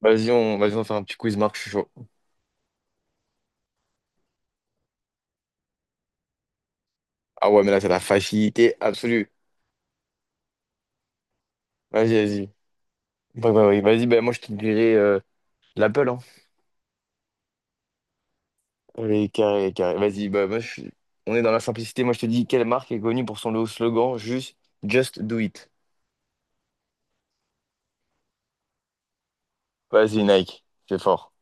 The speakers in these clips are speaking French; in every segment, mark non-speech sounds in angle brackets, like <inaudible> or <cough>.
Vas-y, on fait un petit quiz, Marc, je suis chaud. Ah ouais, mais là, c'est la facilité absolue. Vas-y, vas-y. Ouais, ouais, ouais. Vas-y, ben moi, je te dirais l'Apple, hein. Allez, carré, carré. Vas-y, bah, moi, on est dans la simplicité. Moi, je te dis, quelle marque est connue pour son nouveau slogan, juste Just Do It. Vas-y, Nike, c'est fort.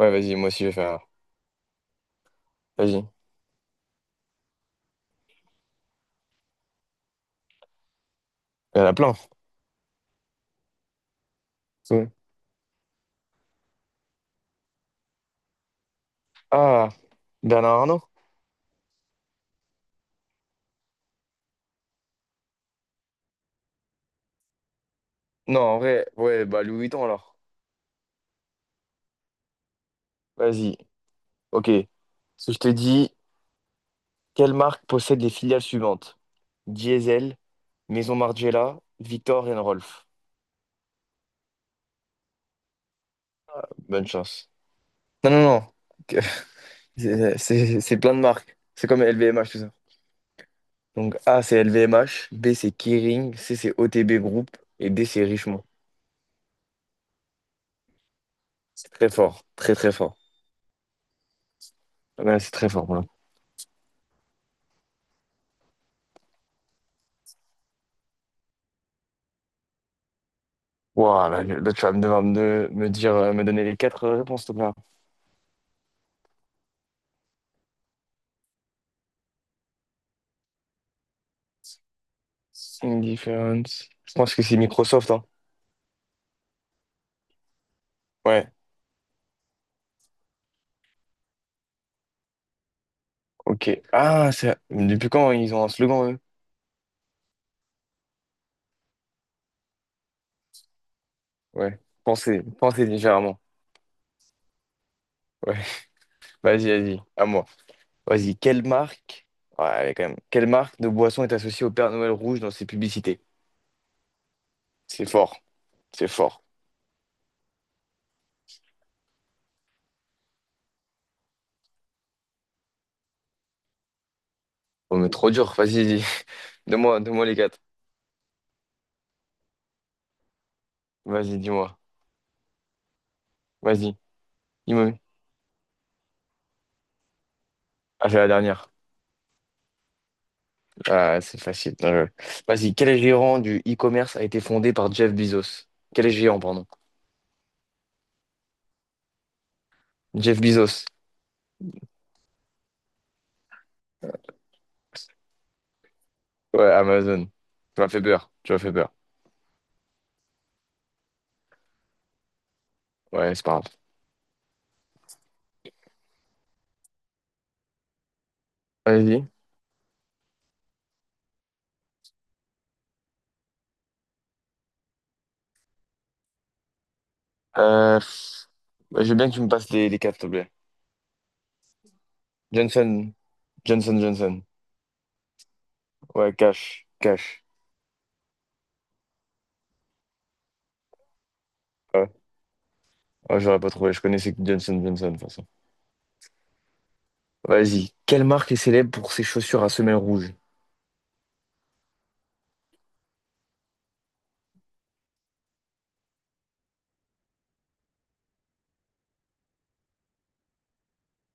Ouais, vas-y, moi aussi, je vais faire. Vas-y. Il y en a plein. Ouais. Ah, Bernard Arnault? Non, en vrai, ouais, bah, Louis Vuitton, alors. Vas-y, ok. Si je te dis quelle marque possède les filiales suivantes? Diesel, Maison Margiela, Victor et Rolf. Bonne chance. Non, non, non. Que- <laughs> c'est plein de marques. C'est comme LVMH, tout ça. Donc A, c'est LVMH. B, c'est Kering. C, c'est OTB Group. Et D, c'est Richemont. C'est très fort. Très, très fort. Ouais, c'est très fort. Voilà. Wow, là, là, tu vas me devoir me, me dire, me donner les quatre réponses, tout. Indifference. Je pense que c'est Microsoft, hein. Ouais, ok. Ah, depuis quand ils ont un slogan, eux? Ouais. Pensez, pensez légèrement. Ouais. <laughs> Vas-y, vas-y. À moi. Vas-y. Quelle marque? Ouais, allez, quand même. Quelle marque de boisson est associée au Père Noël rouge dans ses publicités? C'est fort. C'est fort. Oh, mais trop dur. Vas-y, vas-y. <laughs> Donne-moi les quatre. Vas-y, dis-moi. Vas-y. Dis-moi. Ah, c'est la dernière. Ah, c'est facile. Non, vas-y. Quel géant du e-commerce a été fondé par Jeff Bezos? Quel géant, pardon? Jeff Bezos. Ouais, Amazon. Tu m'as fait peur. Tu m'as fait peur. Ouais, c'est pas grave. Vas-y. Pff, ouais, je veux bien que tu me passes les quatre, s'il te plaît. Johnson, Johnson, Johnson. Ouais, Cash, Cash. Ouais, ouais, j'aurais pas trouvé. Je connaissais que Johnson, Johnson, de toute façon. Vas-y. Quelle marque est célèbre pour ses chaussures à semelles rouges?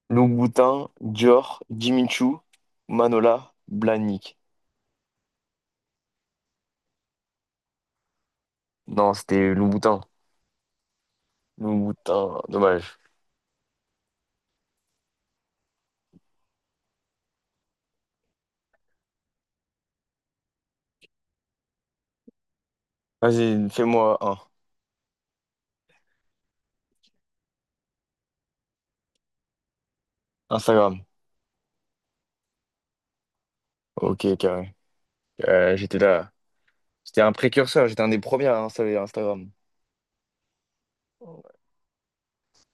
Louboutin, Dior, Jimmy Choo, Manola, Blahnik. Non, c'était Louboutin. Louboutin, dommage. Vas-y, fais-moi un. Instagram. Ok, carré. J'étais là. J'étais un précurseur, j'étais un des premiers à installer Instagram.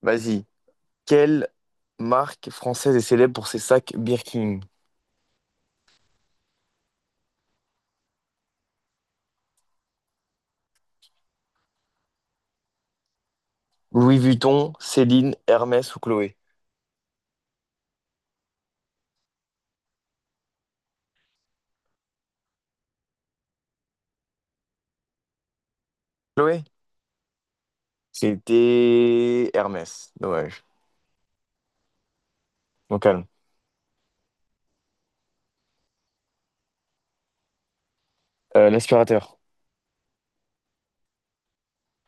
Vas-y. Quel Marque française est célèbre pour ses sacs Birkin? Louis Vuitton, Céline, Hermès ou Chloé. Chloé? C'était Hermès. Dommage. Bon, calme. L'aspirateur.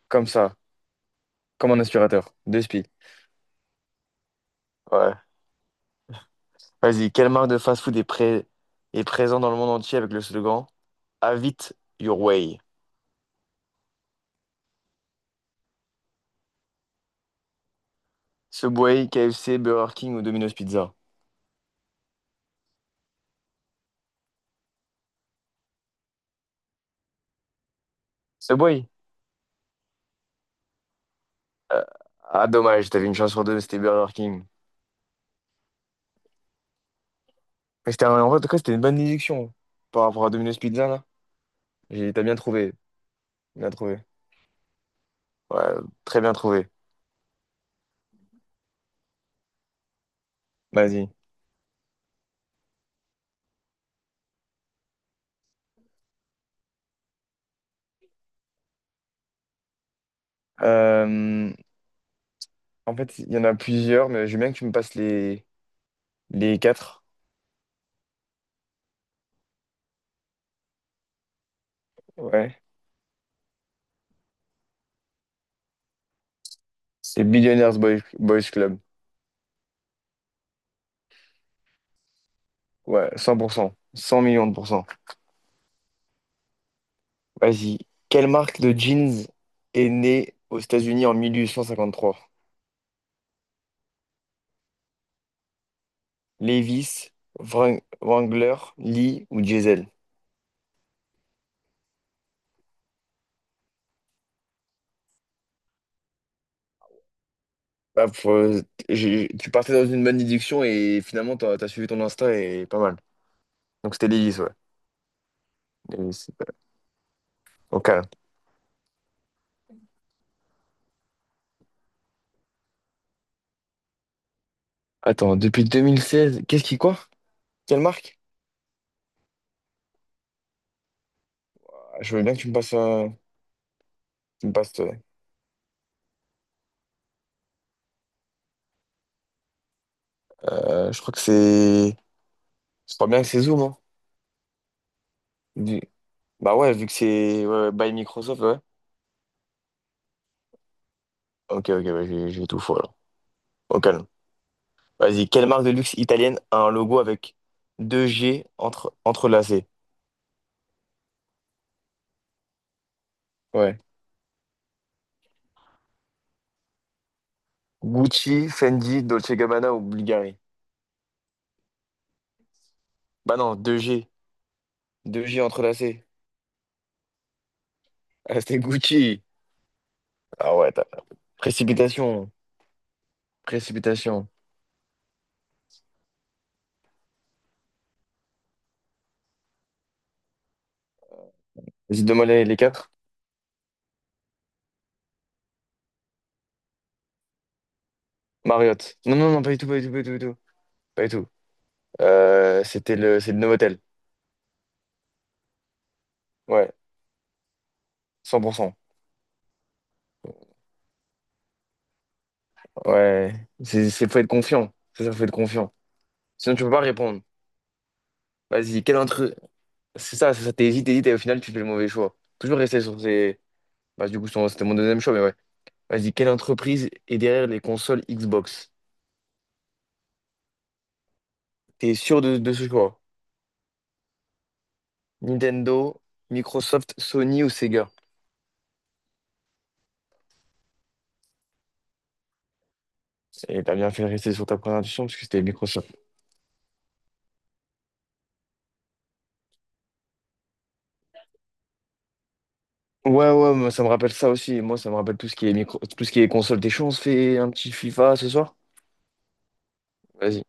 Comme ça. Comme un aspirateur. Deux spies. Ouais. Vas-y. Quelle marque de fast-food est présente dans le monde entier avec le slogan Have it your way. Subway, KFC, Burger King ou Domino's Pizza. Subway? Euh, ah, dommage. T'avais une chance sur deux. C'était Burger King. Mais en tout cas, c'était une bonne déduction par rapport à Domino's Pizza, là. T'as bien trouvé. Bien trouvé. Ouais, très bien trouvé. Vas-y. Euh, en fait, il y en a plusieurs, mais j'aime bien que tu me passes les quatre. Ouais. C'est Billionaires Boys Club. Ouais, 100%, 100 millions de pourcents. Vas-y. Quelle marque de jeans est née aux États-Unis en 1853? Levi's, Wrangler, Lee ou Diesel? Bah, tu partais dans une bonne déduction et finalement, t'as suivi ton instinct et pas mal. Donc, c'était Levi's, ouais. Levi's. Ok. Attends, depuis 2016, qu'est-ce qui quoi? Quelle marque? Ah, je veux bien que tu me passes. Tu me passes je crois que c'est. Je crois bien que c'est Zoom, hein. Vu- Bah ouais, vu que c'est ouais, ouais, by Microsoft, ouais. Ok, ok, bah, j'ai tout faux alors. Au calme. Vas-y, quelle marque de luxe italienne a un logo avec deux G entrelacés? Ouais. Gucci, Fendi, Dolce Gabbana ou Bulgari? Bah non, deux G. Deux G entrelacés. Ah, c'était Gucci. Ah ouais, précipitation. Précipitation. Vas-y, demande les quatre. Marriott. Non, non, non, pas du tout, pas du tout, pas du tout, pas du tout. Pas du tout. C'est le Novotel. Ouais, 100%. Ouais, faut être confiant. C'est ça, faut être confiant. Sinon, tu peux pas répondre. Vas-y, quel intrus. C'est ça, t'hésites, t'hésites, et au final, tu fais le mauvais choix. Toujours rester sur ces. Bah, du coup, c'était mon deuxième choix, mais ouais. Vas-y, quelle entreprise est derrière les consoles Xbox? T'es sûr de ce choix? Nintendo, Microsoft, Sony ou Sega? Et t'as bien fait de rester sur ta première intuition, parce que c'était Microsoft. Ouais, ouais, moi, ça me rappelle ça aussi. Moi, ça me rappelle tout ce qui est micro, tout ce qui est console. T'es chaud, on se fait un petit FIFA ce soir? Vas-y.